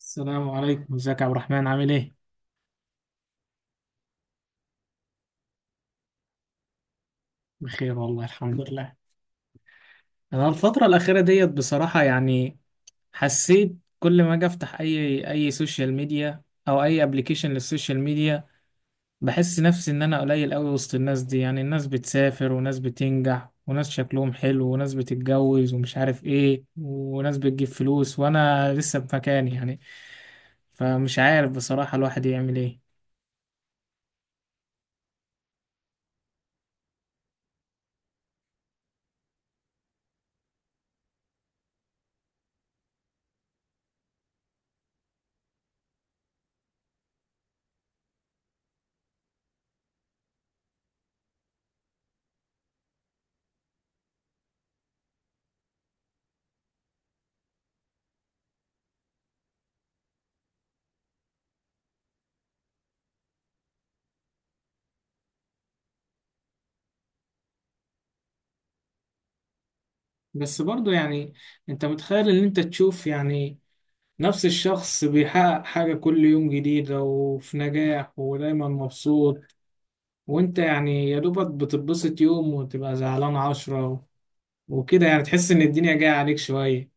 السلام عليكم، ازيك يا عبد الرحمن؟ عامل ايه؟ بخير والله، الحمد لله. انا الفترة الأخيرة ديت بصراحة يعني حسيت كل ما اجي افتح اي سوشيال ميديا او اي ابلكيشن للسوشيال ميديا، بحس نفسي ان انا قليل قوي وسط الناس دي. يعني الناس بتسافر وناس بتنجح وناس شكلهم حلو وناس بتتجوز ومش عارف ايه وناس بتجيب فلوس وانا لسه في مكاني يعني. فمش عارف بصراحة الواحد يعمل ايه. بس برضو يعني انت متخيل ان انت تشوف يعني نفس الشخص بيحقق حاجة كل يوم جديدة وفي نجاح ودايما مبسوط، وانت يعني يا دوبك بتتبسط يوم وتبقى زعلان عشرة وكده، يعني تحس ان الدنيا جاية عليك شوية.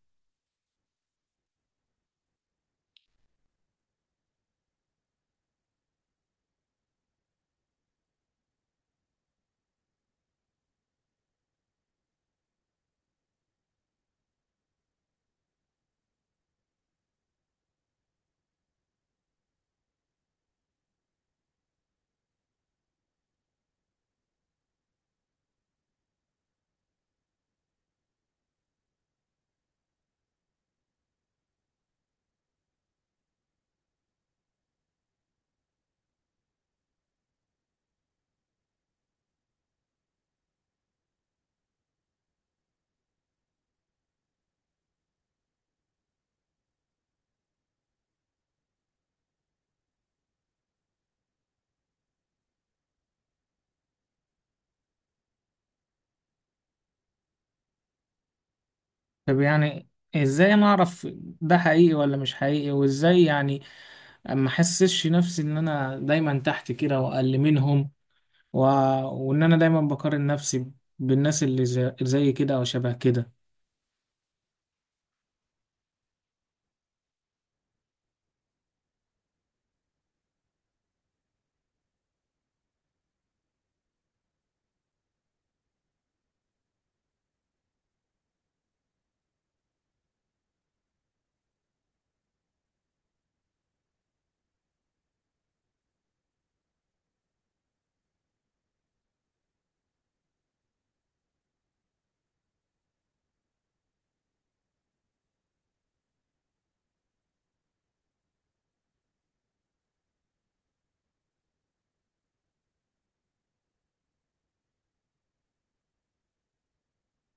طب يعني ازاي انا اعرف ده حقيقي ولا مش حقيقي؟ وازاي يعني ما احسسش نفسي ان انا دايما تحت كده واقل منهم، و... وان انا دايما بقارن نفسي بالناس اللي زي كده او شبه كده.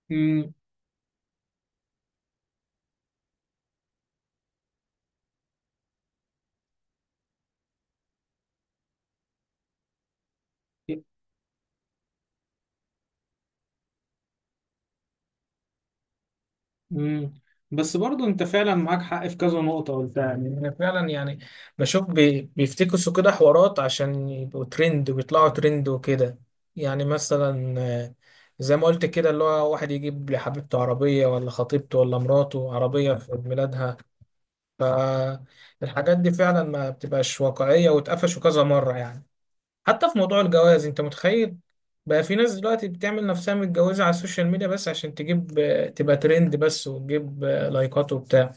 مم. مم. بس برضو انت فعلا معاك حق في كذا نقطة قلتها. يعني انا فعلا يعني بشوف بيفتكسوا كده حوارات عشان يبقوا ترند ويطلعوا ترند وكده. يعني مثلا، زي ما قلت كده، اللي هو واحد يجيب لحبيبته عربية ولا خطيبته ولا مراته عربية في عيد ميلادها. فالحاجات دي فعلا ما بتبقاش واقعية، واتقفشوا كذا مرة يعني. حتى في موضوع الجواز، انت متخيل بقى في ناس دلوقتي بتعمل نفسها متجوزة على السوشيال ميديا بس عشان تجيب، تبقى ترند بس وتجيب لايكات وبتاع؟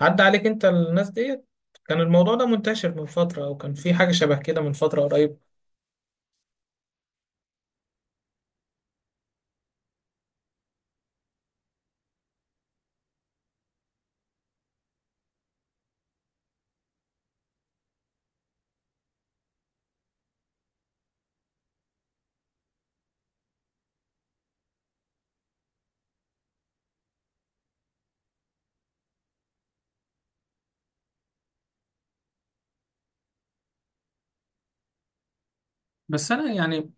عدى عليك انت الناس ديت؟ كان الموضوع ده منتشر من فترة او كان في حاجة شبه كده من فترة قريب. بس انا يعني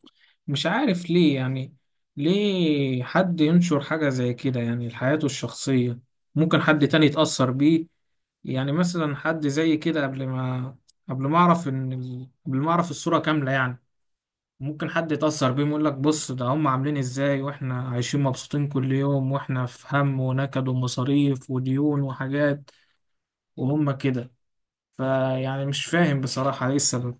مش عارف ليه يعني ليه حد ينشر حاجة زي كده، يعني حياته الشخصية، ممكن حد تاني يتأثر بيه. يعني مثلا حد زي كده قبل ما اعرف ان قبل ما اعرف الصورة كاملة يعني، ممكن حد يتأثر بيهم يقول لك بص ده هم عاملين ازاي واحنا عايشين مبسوطين كل يوم، واحنا في هم ونكد ومصاريف وديون وحاجات، وهم كده. فيعني مش فاهم بصراحة ايه السبب.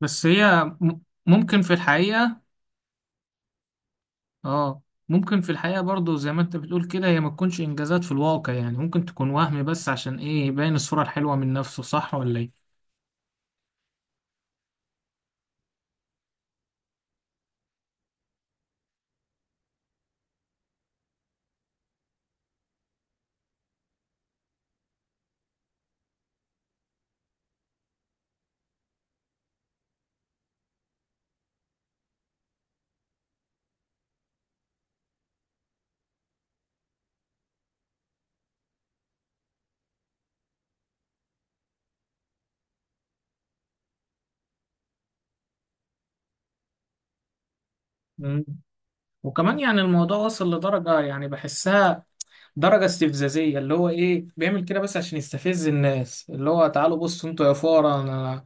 بس هي ممكن في الحقيقة، اه، ممكن في الحقيقة برضو زي ما انت بتقول كده هي ما تكونش انجازات في الواقع يعني، ممكن تكون وهم بس عشان ايه، يبين الصورة الحلوة من نفسه. صح ولا ايه؟ مم. وكمان يعني الموضوع وصل لدرجة يعني بحسها درجة استفزازية، اللي هو ايه بيعمل كده بس عشان يستفز الناس، اللي هو تعالوا بصوا انتوا يا فقرا، انا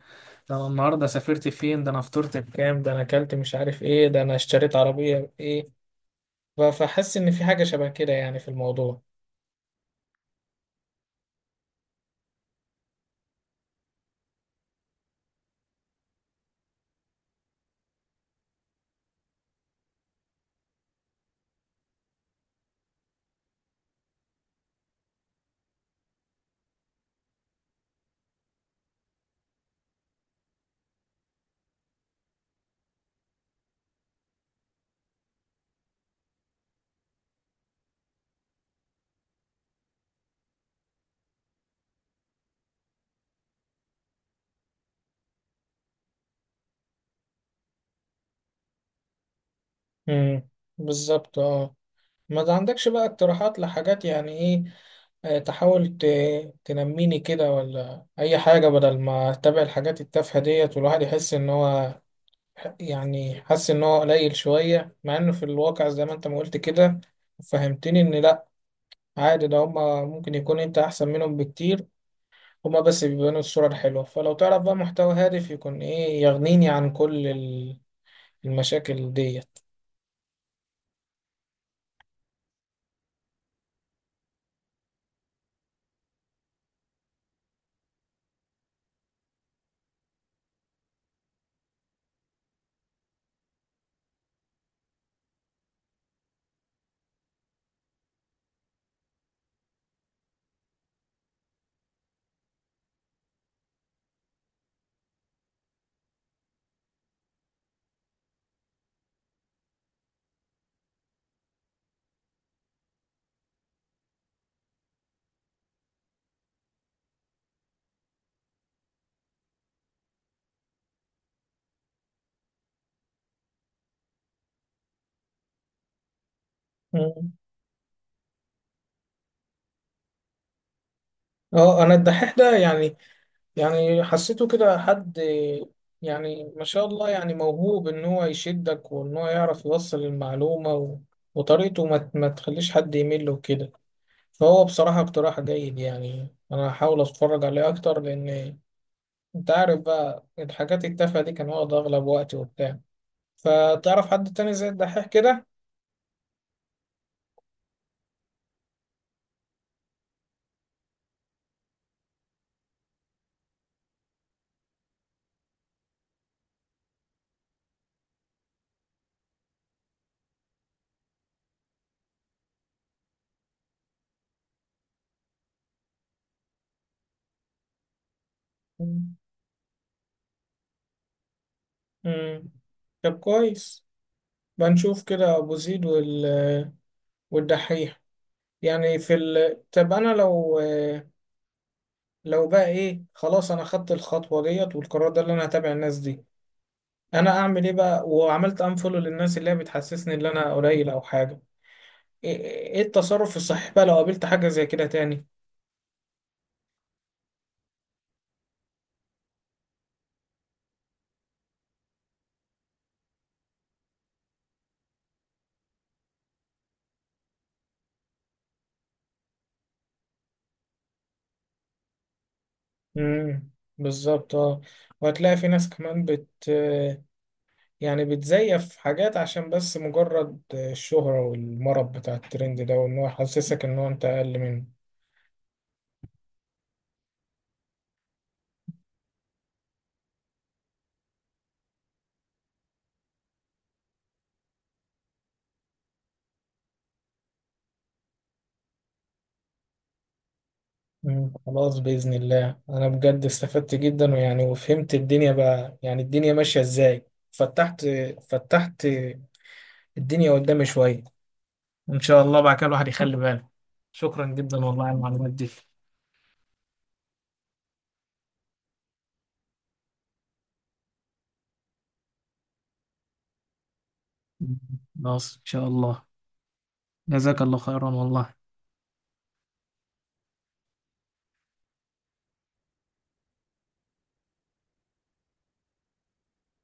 ده انا النهاردة سافرت فين، ده انا فطرت بكام، ده انا اكلت مش عارف ايه، ده انا اشتريت عربية ايه. فحس ان في حاجة شبه كده يعني في الموضوع. امم، بالظبط، اه. ما ده عندكش بقى اقتراحات لحاجات يعني ايه، تحاول تنميني كده ولا اي حاجة بدل ما اتابع الحاجات التافهة ديت والواحد يحس ان هو، يعني حاسس ان هو قليل شوية، مع انه في الواقع زي ما انت ما قلت كده فهمتني ان لا، عادي، ده هما ممكن يكون انت احسن منهم بكتير. هما بس بيبانوا الصورة الحلوة. فلو تعرف بقى محتوى هادف يكون ايه يغنيني عن كل المشاكل ديت. مم. اه، انا الدحيح ده يعني، يعني حسيته كده حد يعني ما شاء الله، يعني موهوب ان هو يشدك وان هو يعرف يوصل المعلومة، وطريقته ما تخليش حد يمل وكده. فهو بصراحة اقتراح جيد. يعني أنا هحاول أتفرج عليه أكتر، لأن أنت عارف بقى الحاجات التافهة دي كان واخد أغلب وقتي وبتاع. فتعرف حد تاني زي الدحيح كده؟ امم، طب كويس. بنشوف كده أبو زيد والدحيح. يعني في طب أنا لو بقى إيه، خلاص أنا خدت الخطوة ديت والقرار ده اللي أنا هتابع الناس دي. أنا أعمل إيه بقى وعملت أنفولو للناس اللي هي بتحسسني إن أنا قليل أو حاجة؟ ايه التصرف الصحيح بقى لو قابلت حاجة زي كده تاني؟ امم، بالظبط، اه. وهتلاقي في ناس كمان بت، يعني بتزيف حاجات عشان بس مجرد الشهرة والمرض بتاع الترند ده، وان هو يحسسك ان هو انت اقل منه. مم. خلاص بإذن الله، انا بجد استفدت جدا، ويعني وفهمت الدنيا بقى يعني الدنيا ماشية ازاي. فتحت فتحت الدنيا قدامي شوية، وان شاء الله بعد كده الواحد يخلي باله. شكرا جدا والله على المعلومات دي. خلاص إن شاء الله. جزاك الله خيرا والله.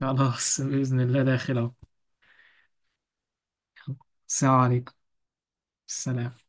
خلاص بإذن الله، داخل أهو. السلام عليكم. السلام.